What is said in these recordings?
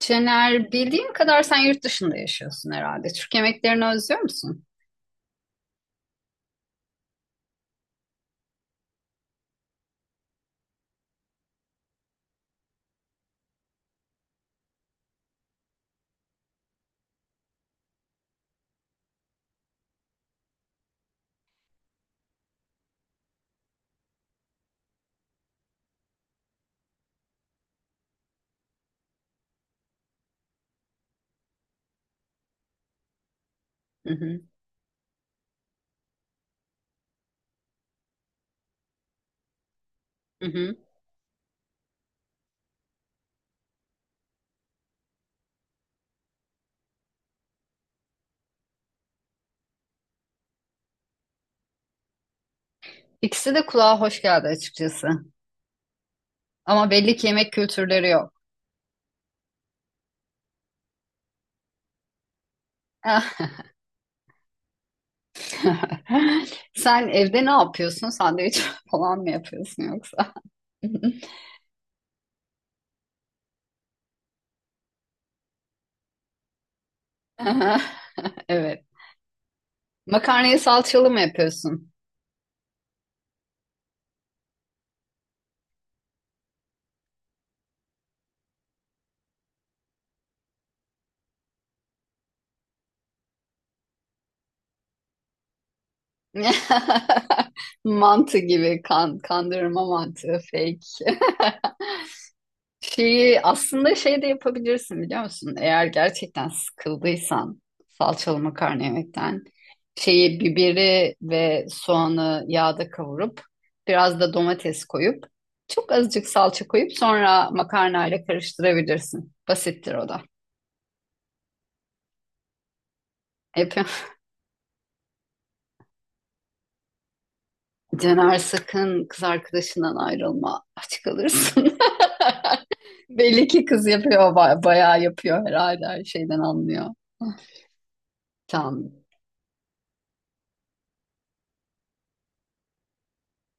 Cener, bildiğim kadar sen yurt dışında yaşıyorsun herhalde. Türk yemeklerini özlüyor musun? Hı hı, hı hı. İkisi de kulağa hoş geldi açıkçası. Ama belli ki yemek kültürleri yok. Sen evde ne yapıyorsun? Sandviç falan mı yapıyorsun yoksa? Aha. Evet. Makarnayı salçalı mı yapıyorsun? Mantı gibi kandırma mantığı fake. Şeyi aslında şey de yapabilirsin biliyor musun? Eğer gerçekten sıkıldıysan salçalı makarna yemekten şeyi biberi ve soğanı yağda kavurup biraz da domates koyup çok azıcık salça koyup sonra makarnayla karıştırabilirsin. Basittir o da. Yapıyorum. Caner sakın kız arkadaşından ayrılma. Aç kalırsın. Belli ki kız yapıyor, bayağı yapıyor herhalde her şeyden anlıyor. Tamam.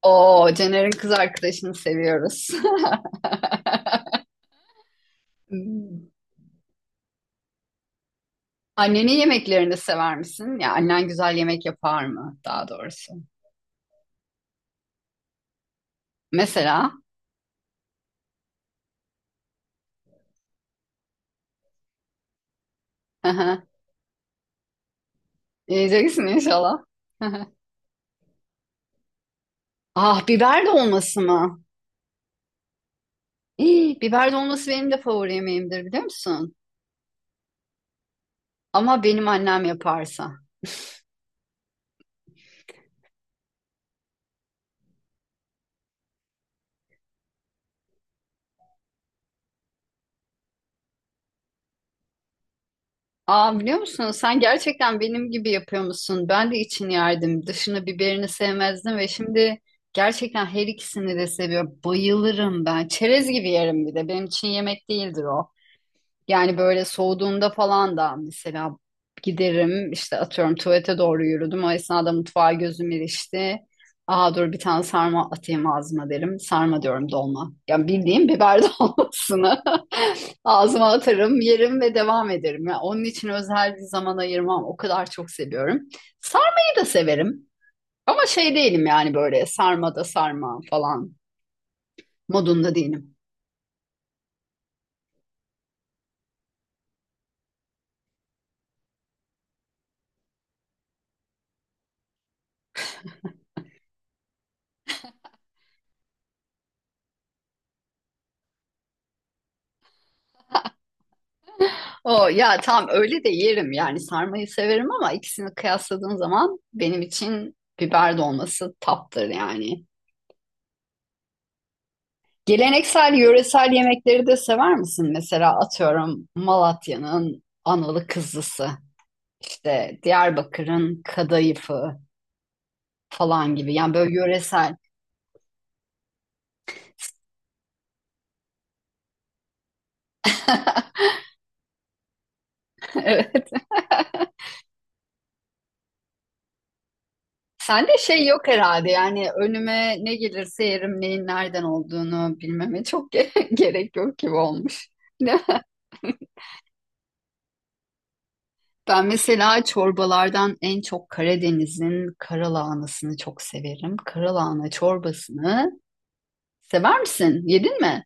Oo, Caner'in kız arkadaşını seviyoruz. Hmm. Annenin yemeklerini sever misin? Ya annen güzel yemek yapar mı daha doğrusu? Mesela aha. Yiyeceksin inşallah. Aha. Ah biber dolması mı? İyi, biber dolması benim de favori yemeğimdir biliyor musun? Ama benim annem yaparsa. Aa, biliyor musun? Sen gerçekten benim gibi yapıyor musun? Ben de için yerdim. Dışını biberini sevmezdim ve şimdi gerçekten her ikisini de seviyorum. Bayılırım ben. Çerez gibi yerim bir de. Benim için yemek değildir o. Yani böyle soğuduğunda falan da mesela giderim işte atıyorum tuvalete doğru yürüdüm. O esnada mutfağa gözüm ilişti. Aa, dur bir tane sarma atayım ağzıma derim. Sarma diyorum dolma. Yani bildiğim biber dolmasını ağzıma atarım, yerim ve devam ederim. Yani onun için özel bir zaman ayırmam. O kadar çok seviyorum. Sarmayı da severim. Ama şey değilim yani böyle sarma da sarma falan modunda değilim. O ya tam öyle de yerim yani sarmayı severim ama ikisini kıyasladığım zaman benim için biber dolması taptır yani. Geleneksel yöresel yemekleri de sever misin? Mesela atıyorum Malatya'nın analı kızlısı, işte Diyarbakır'ın kadayıfı falan gibi. Yani böyle yöresel. Evet. Sende şey yok herhalde yani önüme ne gelirse yerim neyin nereden olduğunu bilmeme çok gerek yok gibi olmuş. Ben mesela çorbalardan en çok Karadeniz'in karalahanasını çok severim. Karalahana çorbasını sever misin? Yedin mi?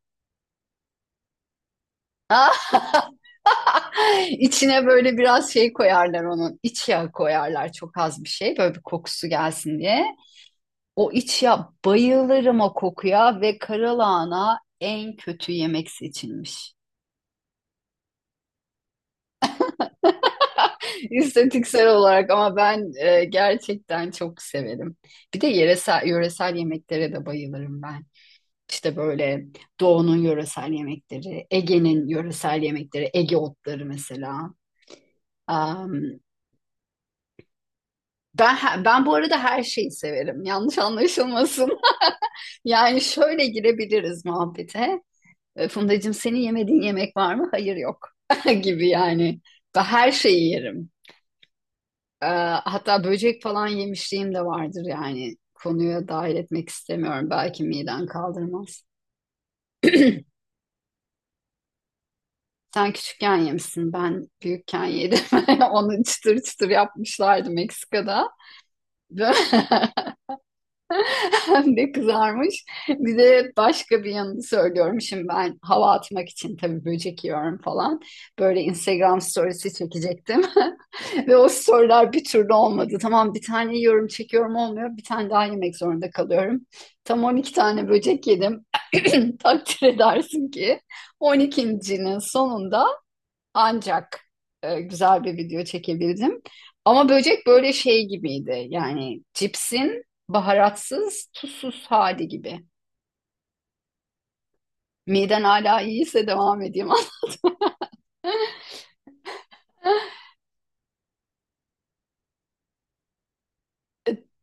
Ah, içine böyle biraz şey koyarlar onun. İç yağı koyarlar çok az bir şey böyle bir kokusu gelsin diye. O iç yağ bayılırım o kokuya ve karalahana en kötü yemek seçilmiş. İstatistiksel olarak ama ben gerçekten çok severim. Bir de yöresel yemeklere de bayılırım ben. İşte böyle Doğu'nun yöresel yemekleri, Ege'nin yöresel yemekleri, Ege otları mesela. Am, ben ben bu arada her şeyi severim. Yanlış anlaşılmasın. Yani şöyle girebiliriz muhabbete. Fundacığım senin yemediğin yemek var mı? Hayır yok gibi yani. Ben her şeyi yerim. E, Hatta böcek falan yemişliğim de vardır yani. Konuya dahil etmek istemiyorum. Belki miden kaldırmaz. Sen küçükken yemişsin, ben büyükken yedim. Onu çıtır çıtır yapmışlardı Meksika'da. Hem de kızarmış. Bir de başka bir yanını söylüyorum. Şimdi ben hava atmak için tabii böcek yiyorum falan. Böyle Instagram storiesi çekecektim. Ve o storyler bir türlü olmadı. Tamam bir tane yiyorum, çekiyorum olmuyor. Bir tane daha yemek zorunda kalıyorum. Tam 12 tane böcek yedim. Takdir edersin ki 12.'nin sonunda ancak güzel bir video çekebildim. Ama böcek böyle şey gibiydi. Yani cipsin baharatsız, tuzsuz hali gibi. Miden hala iyiyse devam edeyim.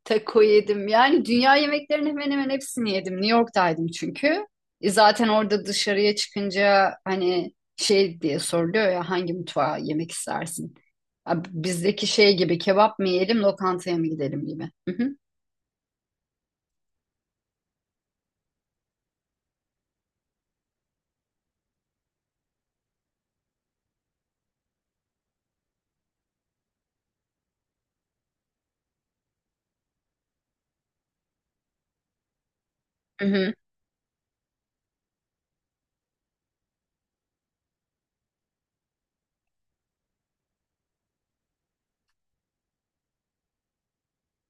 Taco yedim. Yani dünya yemeklerinin hemen hemen hepsini yedim. New York'taydım çünkü. E, zaten orada dışarıya çıkınca hani şey diye soruluyor ya hangi mutfağa yemek istersin? Ya, bizdeki şey gibi kebap mı yiyelim, lokantaya mı gidelim gibi. Hı. Hı hı.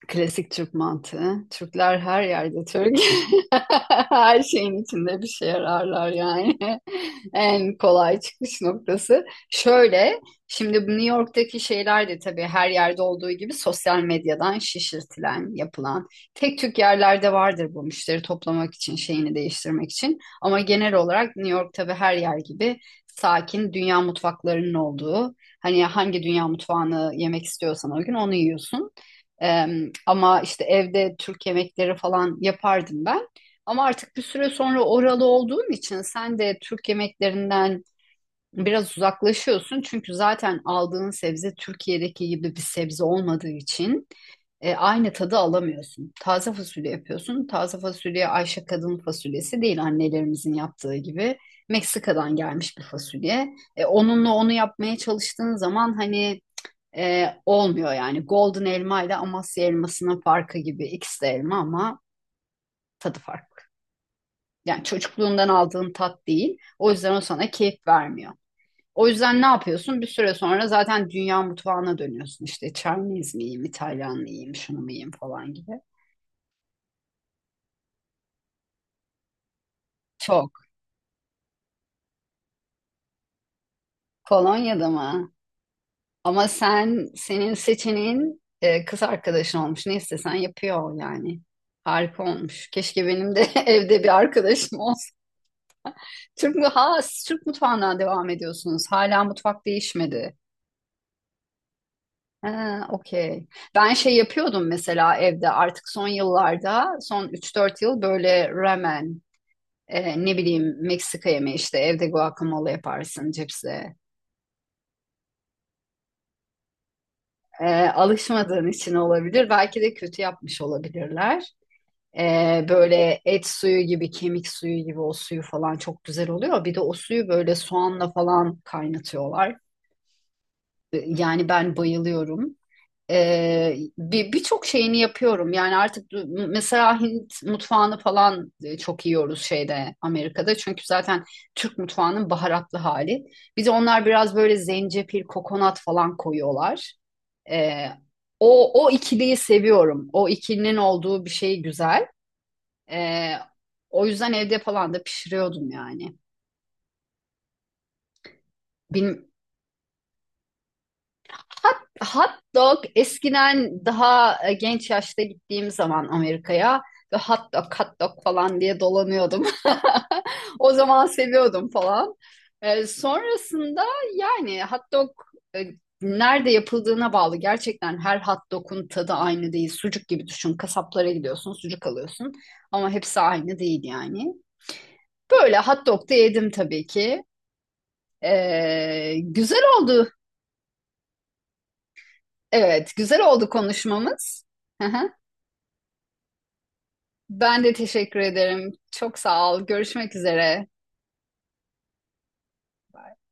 Klasik Türk mantığı. Türkler her yerde Türk. Her şeyin içinde bir şey ararlar yani. En kolay çıkış noktası. Şöyle, şimdi bu New York'taki şeyler de tabii her yerde olduğu gibi sosyal medyadan şişirtilen, yapılan. Tek Türk yerlerde vardır bu müşteri toplamak için, şeyini değiştirmek için. Ama genel olarak New York tabii her yer gibi sakin, dünya mutfaklarının olduğu. Hani hangi dünya mutfağını yemek istiyorsan o gün onu yiyorsun. Ama işte evde Türk yemekleri falan yapardım ben. Ama artık bir süre sonra oralı olduğun için sen de Türk yemeklerinden biraz uzaklaşıyorsun. Çünkü zaten aldığın sebze Türkiye'deki gibi bir sebze olmadığı için aynı tadı alamıyorsun. Taze fasulye yapıyorsun. Taze fasulye Ayşe kadın fasulyesi değil annelerimizin yaptığı gibi. Meksika'dan gelmiş bir fasulye. Onunla onu yapmaya çalıştığın zaman hani olmuyor yani. Golden elma ile Amasya elmasının farkı gibi. İkisi de elma ama tadı farklı. Yani çocukluğundan aldığın tat değil. O yüzden o sana keyif vermiyor. O yüzden ne yapıyorsun? Bir süre sonra zaten dünya mutfağına dönüyorsun. İşte Chinese mi yiyeyim, İtalyan mı şunu mu falan gibi. Çok. Kolonya'da mı? Ama senin seçeneğin kız arkadaşın olmuş. Ne istesen yapıyor yani. Harika olmuş. Keşke benim de evde bir arkadaşım olsa. Siz Türk mutfağından devam ediyorsunuz. Hala mutfak değişmedi. Ha, okey. Ben şey yapıyordum mesela evde artık son yıllarda, son üç dört yıl böyle ramen, ne bileyim Meksika yemeği işte evde guacamole yaparsın cipsle. Alışmadığın için olabilir. Belki de kötü yapmış olabilirler. Böyle et suyu gibi, kemik suyu gibi o suyu falan çok güzel oluyor. Bir de o suyu böyle soğanla falan kaynatıyorlar. E, yani ben bayılıyorum. Birçok şeyini yapıyorum. Yani artık mesela Hint mutfağını falan çok yiyoruz şeyde Amerika'da. Çünkü zaten Türk mutfağının baharatlı hali. Bir de onlar biraz böyle zencefil, kokonat falan koyuyorlar. Ee, o ikiliyi seviyorum. O ikilinin olduğu bir şey güzel. Ee, o yüzden evde falan da pişiriyordum yani. Bil- Hot, hot dog eskiden daha genç yaşta gittiğim zaman Amerika'ya ve hot dog hot dog falan diye dolanıyordum. O zaman seviyordum falan. Sonrasında yani hot dog e, nerede yapıldığına bağlı. Gerçekten her hot dog'un tadı aynı değil. Sucuk gibi düşün. Kasaplara gidiyorsun, sucuk alıyorsun. Ama hepsi aynı değil yani. Böyle hot dog da yedim tabii ki. E, güzel oldu. Evet, güzel oldu konuşmamız. Ben de teşekkür ederim. Çok sağ ol. Görüşmek üzere.